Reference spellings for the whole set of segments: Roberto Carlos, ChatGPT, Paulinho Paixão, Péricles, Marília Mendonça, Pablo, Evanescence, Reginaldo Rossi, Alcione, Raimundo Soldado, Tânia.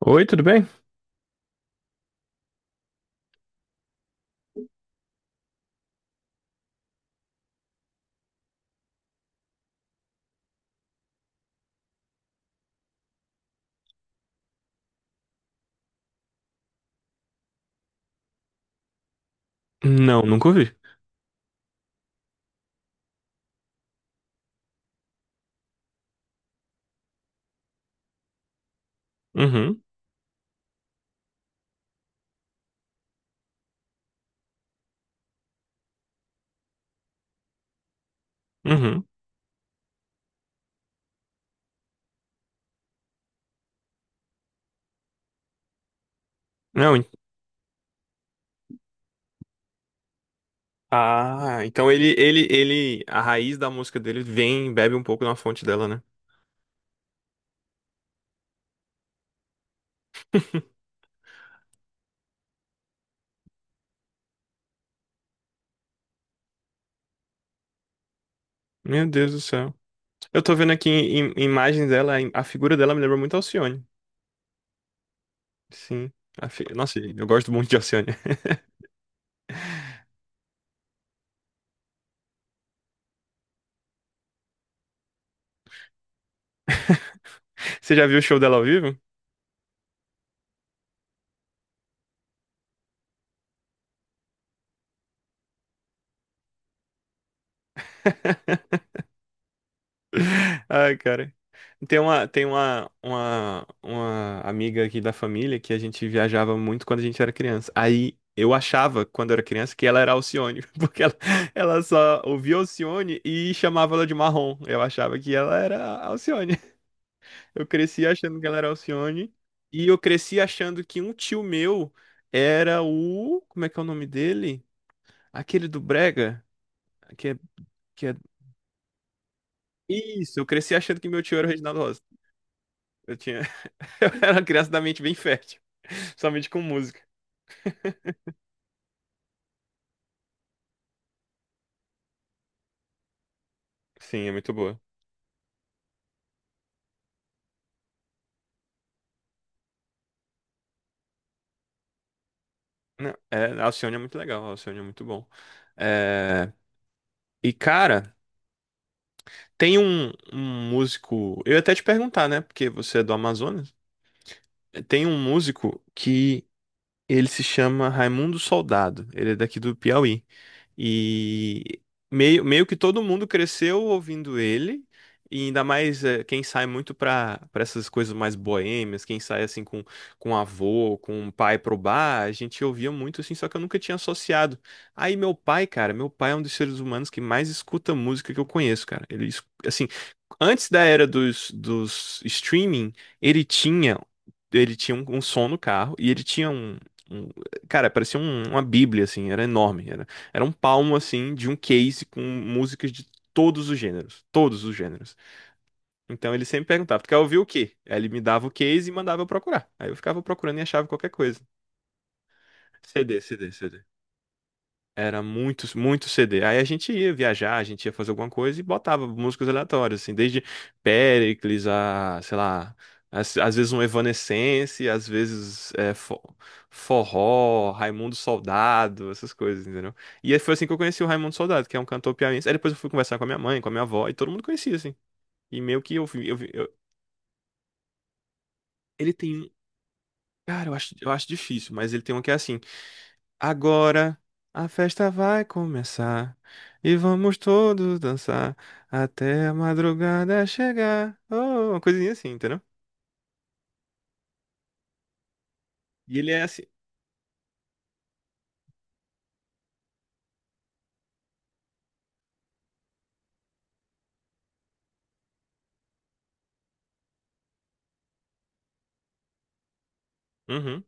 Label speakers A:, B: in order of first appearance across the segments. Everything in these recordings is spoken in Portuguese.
A: Oi, tudo bem? Não, nunca ouvi. Uhum, uhum. Não, ah, então ele, a raiz da música dele vem, bebe um pouco na fonte dela, né? Meu Deus do céu. Eu tô vendo aqui imagens dela, a figura dela me lembra muito a Alcione. Sim. Nossa, eu gosto muito de Alcione. Você já viu o show dela ao vivo? Ai, cara. Tem uma amiga aqui da família que a gente viajava muito quando a gente era criança. Aí eu achava, quando eu era criança, que ela era Alcione, porque ela só ouvia Alcione e chamava ela de Marrom. Eu achava que ela era Alcione. Eu cresci achando que ela era Alcione. E eu cresci achando que um tio meu era o. Como é que é o nome dele? Aquele do Brega, que é, que é. Isso, eu cresci achando que meu tio era o Reginaldo Rossi. Eu tinha, eu era uma criança da mente bem fértil, somente com música. Sim, é muito boa. Não, é, a Alcione é muito legal, a Alcione é muito bom. É, e cara, tem um músico, eu ia até te perguntar, né, porque você é do Amazonas. Tem um músico que Ele se chama Raimundo Soldado. Ele é daqui do Piauí. E meio que todo mundo cresceu ouvindo ele. E ainda mais quem sai muito pra essas coisas mais boêmias, quem sai assim com avô, com um pai pro bar, a gente ouvia muito assim, só que eu nunca tinha associado. Aí meu pai, cara, meu pai é um dos seres humanos que mais escuta música que eu conheço, cara. Assim, antes da era dos streaming, ele tinha ele tinha um som no carro e ele tinha um- Cara, parecia uma bíblia, assim, era enorme. Era um palmo, assim, de um case com músicas de todos os gêneros. Todos os gêneros. Então ele sempre perguntava, tu quer ouvir o quê? Aí ele me dava o case e mandava eu procurar. Aí eu ficava procurando e achava qualquer coisa. CD, CD, CD. Era muito, muito CD. Aí a gente ia viajar, a gente ia fazer alguma coisa e botava músicas aleatórias, assim, desde Péricles a, sei lá, às vezes um Evanescence, às vezes forró, Raimundo Soldado, essas coisas, entendeu? E aí foi assim que eu conheci o Raimundo Soldado, que é um cantor piauiense. Aí depois eu fui conversar com a minha mãe, com a minha avó, e todo mundo conhecia, assim. E meio que ele tem, um, cara, eu acho difícil, mas ele tem um que é assim. Agora a festa vai começar e vamos todos dançar até a madrugada chegar. Oh, uma coisinha assim, entendeu? E ele é assim. Uhum.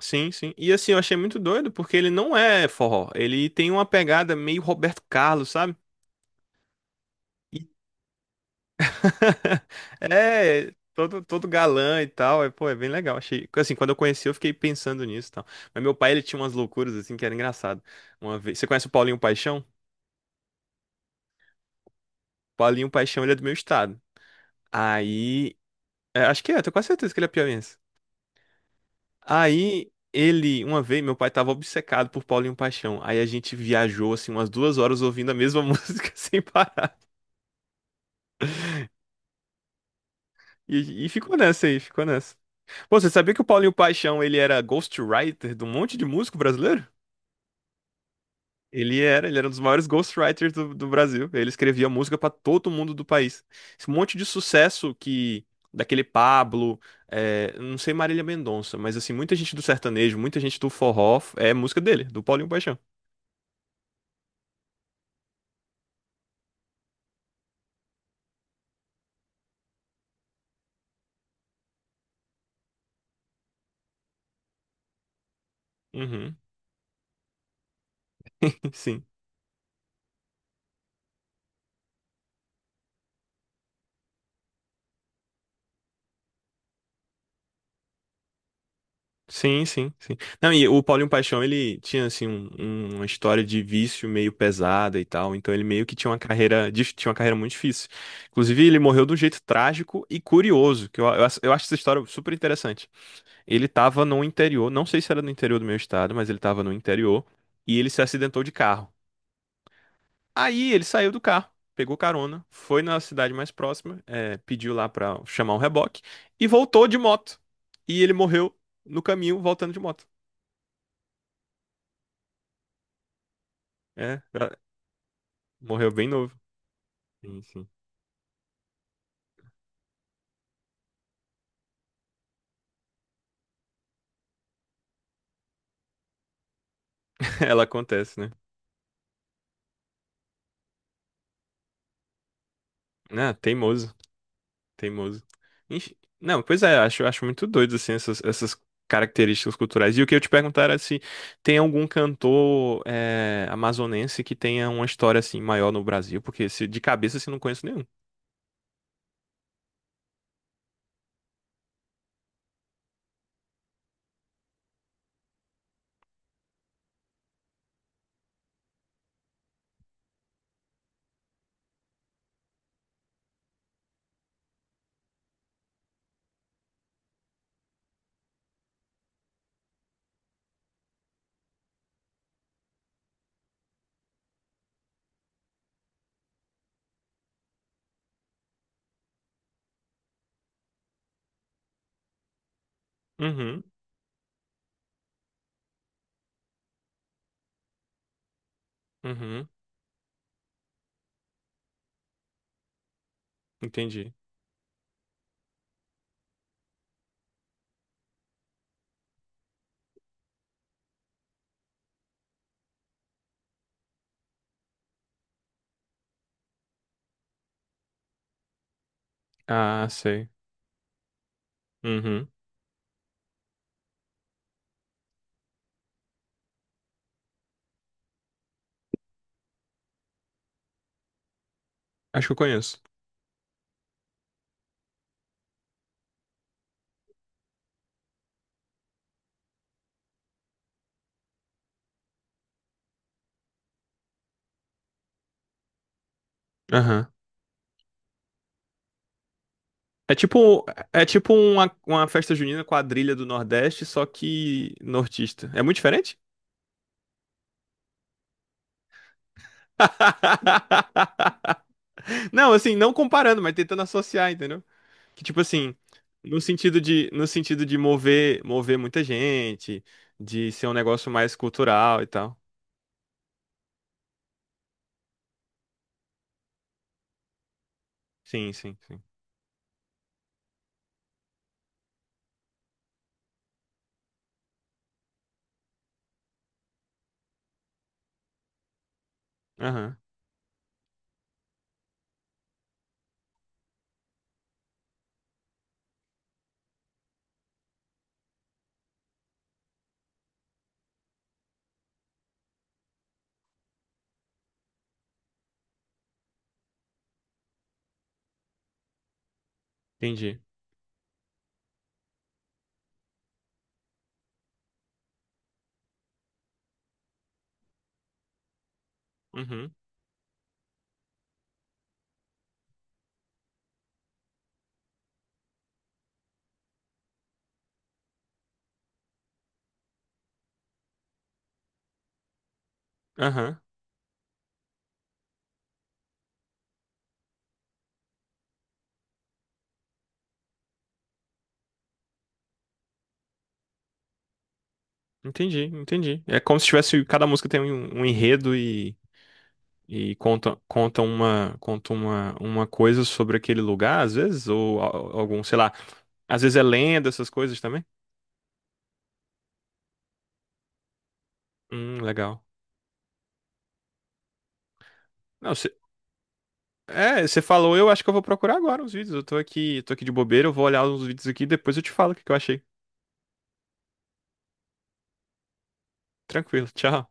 A: Sim, sim. E assim, eu achei muito doido porque ele não é forró. Ele tem uma pegada meio Roberto Carlos, sabe? E- É, todo galã e tal. É, pô, é bem legal. Achei. Assim, quando eu conheci, eu fiquei pensando nisso e tal. Mas meu pai, ele tinha umas loucuras assim que era engraçado. Uma vez. Você conhece o Paulinho Paixão? Paulinho Paixão, ele é do meu estado. Aí, é, acho que é, eu tenho quase certeza que ele é piauiense. Aí, ele, uma vez, meu pai tava obcecado por Paulinho Paixão. Aí a gente viajou, assim, umas 2 horas ouvindo a mesma música sem parar. E ficou nessa aí, ficou nessa. Pô, você sabia que o Paulinho Paixão, ele era ghostwriter de um monte de músico brasileiro? Ele era um dos maiores ghostwriters do Brasil. Ele escrevia música pra todo mundo do país. Esse monte de sucesso que daquele Pablo, é, não sei Marília Mendonça, mas assim, muita gente do sertanejo, muita gente do forró é música dele, do Paulinho Paixão. Uhum. Sim. Sim, sim, sim. Não, e o Paulinho Paixão, ele tinha assim uma história de vício meio pesada e tal, então ele meio que tinha uma carreira, tinha uma carreira muito difícil. Inclusive, ele morreu de um jeito trágico e curioso, que eu acho essa história super interessante. Ele estava no interior, não sei se era no interior do meu estado, mas ele estava no interior e ele se acidentou de carro. Aí ele saiu do carro, pegou carona, foi na cidade mais próxima, pediu lá pra chamar um reboque e voltou de moto. E ele morreu no caminho voltando de moto. É, é, morreu bem novo. Sim, sim. Ela acontece, né? Ah, teimoso. Teimoso. Enf- Não, pois é, eu acho muito doido, assim, essas características culturais. E o que eu te perguntar era se tem algum cantor amazonense que tenha uma história, assim, maior no Brasil, porque se, de cabeça, assim, não conheço nenhum. Uhum, uhum, entendi. Ah, sei. Uhum, acho que eu conheço. Aham. É tipo, é tipo uma festa junina quadrilha do Nordeste, só que nortista. É muito diferente? Não, assim, não comparando, mas tentando associar, entendeu? Que, tipo assim, no sentido de mover, mover muita gente, de ser um negócio mais cultural e tal. Sim, sim, sim. Aham, entendi. Uhum, aham, entendi, entendi. É como se tivesse, cada música tem um enredo e conta uma coisa sobre aquele lugar, às vezes, ou algum, sei lá, às vezes é lenda, essas coisas também. Legal. Não, é, você falou, eu acho que eu vou procurar agora os vídeos. Eu tô aqui de bobeira, eu vou olhar os vídeos aqui e depois eu te falo o que que eu achei. Tranquilo, tchau.